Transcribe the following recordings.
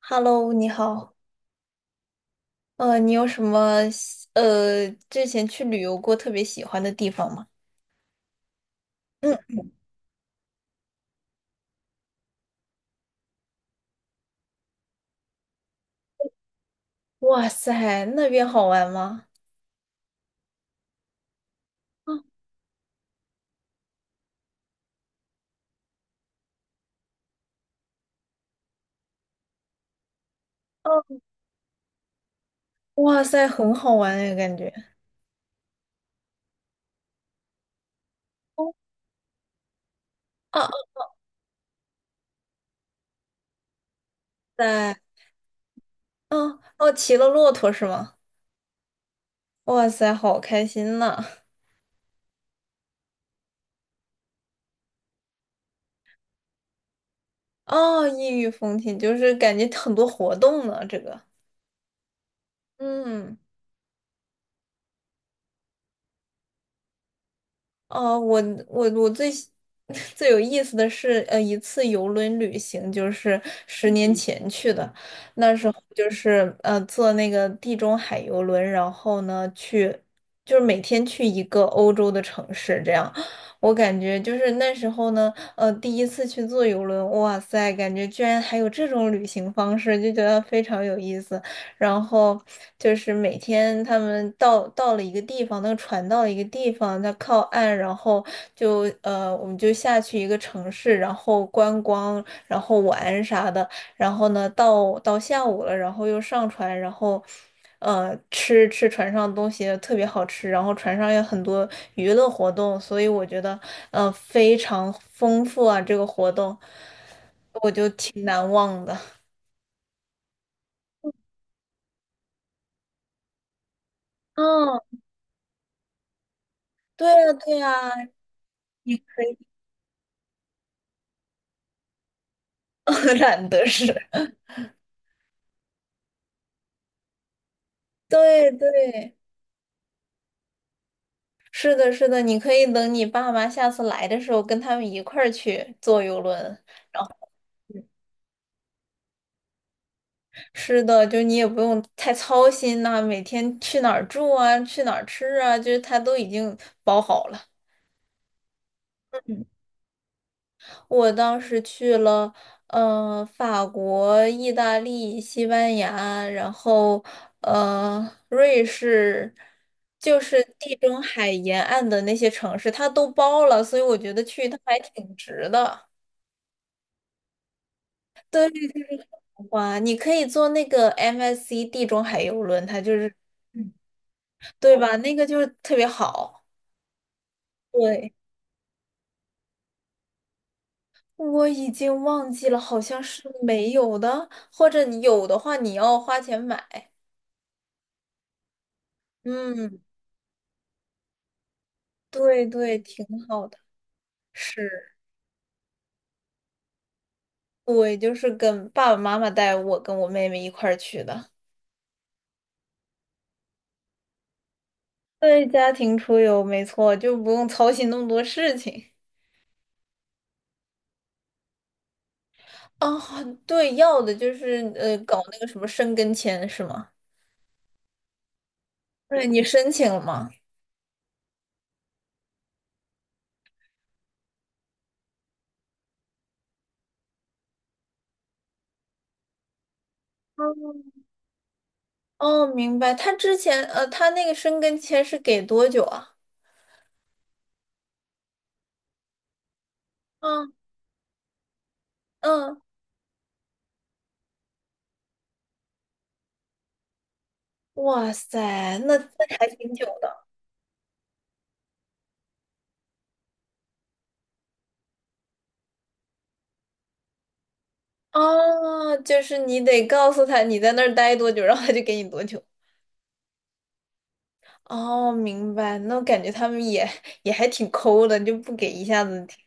Hello，你好。你有什么之前去旅游过特别喜欢的地方吗？嗯，哇塞，那边好玩吗？嗯，哦，哇塞，很好玩哎，感觉。哦哦，哦，在，哦哦，骑了骆驼是吗？哇塞，好开心呐！哦，异域风情就是感觉很多活动呢，这个。嗯，哦，我 最有意思的是，一次游轮旅行，就是十年前去的。那时候就是坐那个地中海游轮，然后呢去，就是每天去一个欧洲的城市，这样。我感觉就是那时候呢，第一次去坐游轮，哇塞，感觉居然还有这种旅行方式，就觉得非常有意思。然后就是每天他们到了一个地方，那个船到了一个地方，它靠岸，然后我们就下去一个城市，然后观光，然后玩啥的。然后呢，到下午了，然后又上船，然后吃船上的东西特别好吃，然后船上有很多娱乐活动，所以我觉得非常丰富啊，这个活动我就挺难忘的。嗯，对呀，对呀，你可以，懒得是，对对，是的，是的，你可以等你爸妈下次来的时候，跟他们一块儿去坐游轮。是的，就你也不用太操心呐、每天去哪儿住啊，去哪儿吃啊，就是他都已经包好了。我当时去了，法国、意大利、西班牙，然后瑞士，就是地中海沿岸的那些城市，它都包了，所以我觉得去一趟还挺值的。哇，你可以坐那个 MSC 地中海游轮，它就是，嗯，对吧？那个就是特别好。对，我已经忘记了，好像是没有的，或者你有的话，你要花钱买。嗯。对对，挺好的。是，对，就是跟爸爸妈妈带我跟我妹妹一块儿去的。对，家庭出游没错，就不用操心那么多事情。啊。对，要的就是搞那个什么申根签是吗？对，你申请了吗？哦，哦明白。他之前他那个申根签是给多久啊？嗯嗯，哇塞，那那还挺久的。哦，就是你得告诉他你在那儿待多久，然后他就给你多久。哦，明白。那我感觉他们也也还挺抠的，就不给一下子停，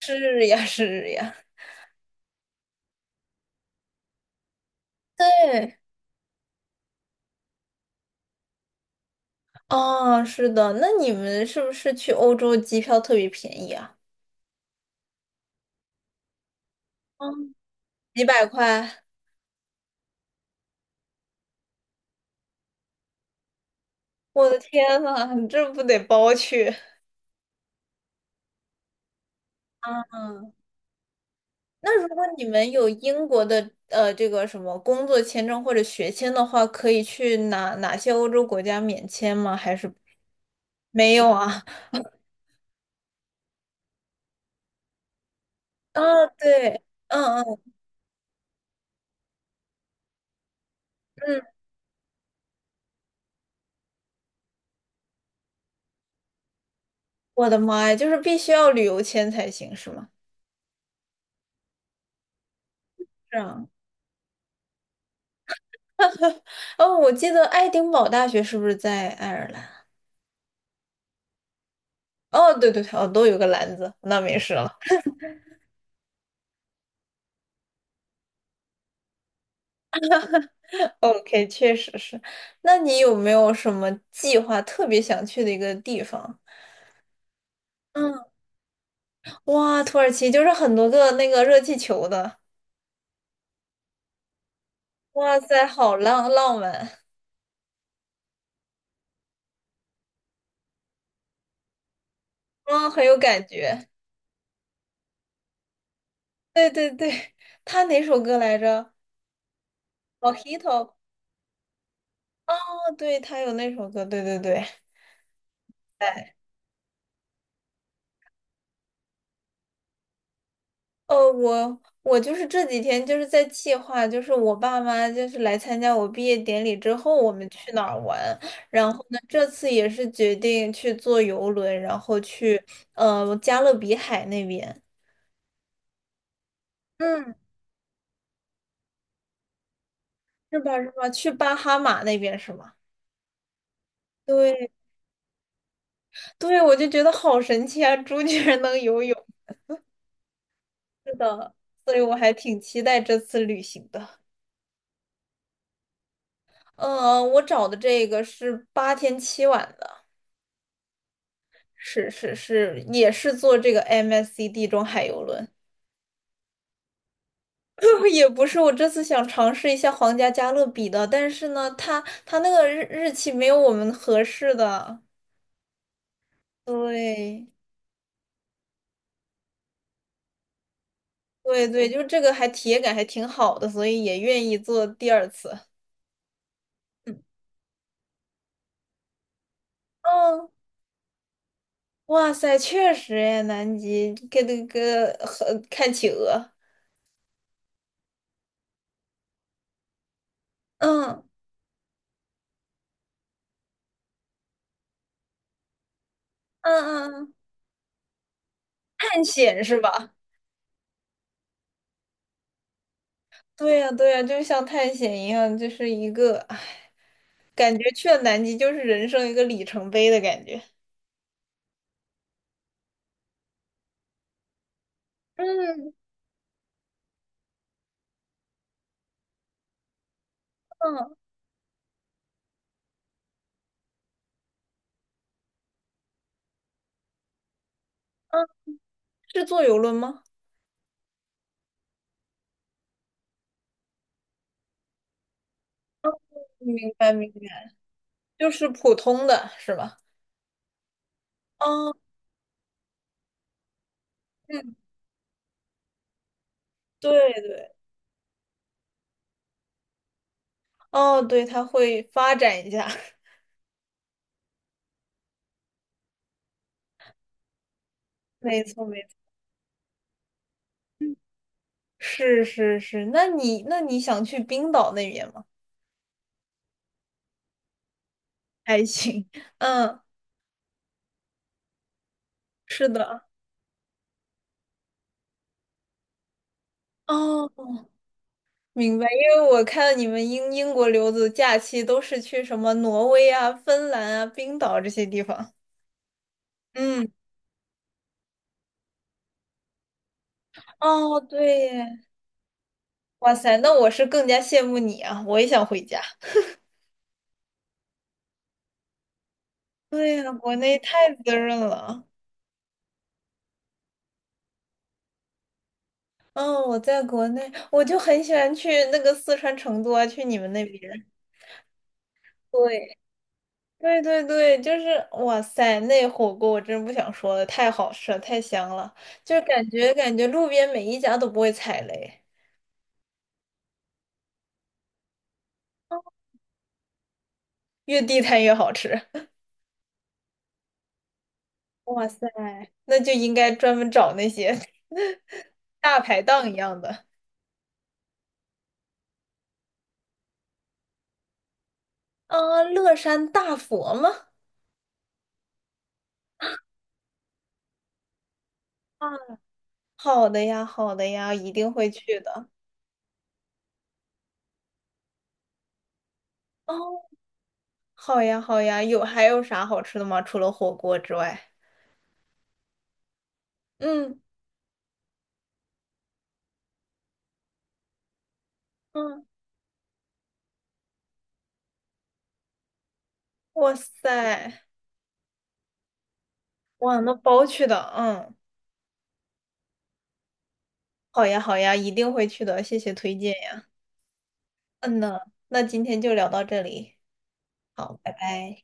是呀，是呀。对，哦，是的。那你们是不是去欧洲机票特别便宜啊？嗯，几百块？我的天呐，你这不得包去？嗯，那如果你们有英国的这个什么工作签证或者学签的话，可以去哪哪些欧洲国家免签吗？还是没有啊？啊，对，嗯嗯嗯。我的妈呀，就是必须要旅游签才行，是吗？是啊，哦，我记得爱丁堡大学是不是在爱尔兰？哦，对对对，哦，都有个篮子，那没事了。OK，确实是。那你有没有什么计划特别想去的一个地方？嗯，哇，土耳其就是很多个那个热气球的，哇塞，好浪浪漫，嗯，很有感觉。对对对，他哪首歌来着？Mojito。哦，对，他有那首歌，对对对。哎，我就是这几天就是在计划，就是我爸妈就是来参加我毕业典礼之后，我们去哪儿玩。然后呢，这次也是决定去坐游轮，然后去加勒比海那边，嗯，是吧是吧？去巴哈马那边是吗？对对，我就觉得好神奇啊，猪居然能游泳。是的，所以我还挺期待这次旅行的。嗯、我找的这个是八天七晚的。是是是，也是坐这个 MSC 地中海游轮。也不是，我这次想尝试一下皇家加勒比的，但是呢，它那个日期没有我们合适的。对对对，就这个还体验感还挺好的，所以也愿意做第二次。嗯，嗯，哇塞，确实哎，南极跟那个和看企鹅，嗯嗯嗯，嗯，探险是吧？对呀对呀，就像探险一样，就是一个，唉。感觉去了南极就是人生一个里程碑的感觉。嗯嗯嗯，是坐游轮吗？哦，明白明白，就是普通的是吧？哦，嗯，对对，哦，对，它会发展一下，没错没错，是是是。那你那你想去冰岛那边吗？还行，嗯，是的，哦，明白。因为我看你们英英国留子假期都是去什么挪威啊、芬兰啊、冰岛这些地方，嗯。哦，对耶，哇塞，那我是更加羡慕你啊！我也想回家。对呀，国内太滋润了。嗯，我在国内，我就很喜欢去那个四川成都啊，去你们那边。对，对对对，就是哇塞，那火锅我真不想说了，太好吃了，太香了，就是感觉感觉路边每一家都不会踩雷，越地摊越好吃。哇塞，那就应该专门找那些 大排档一样的。啊，乐山大佛吗？啊。好的呀，好的呀，一定会去的。哦，好呀，好呀，有还有啥好吃的吗？除了火锅之外，嗯嗯，哇塞，哇，那包去的，嗯，好呀，好呀，一定会去的，谢谢推荐呀。嗯呐，那今天就聊到这里，好，拜拜。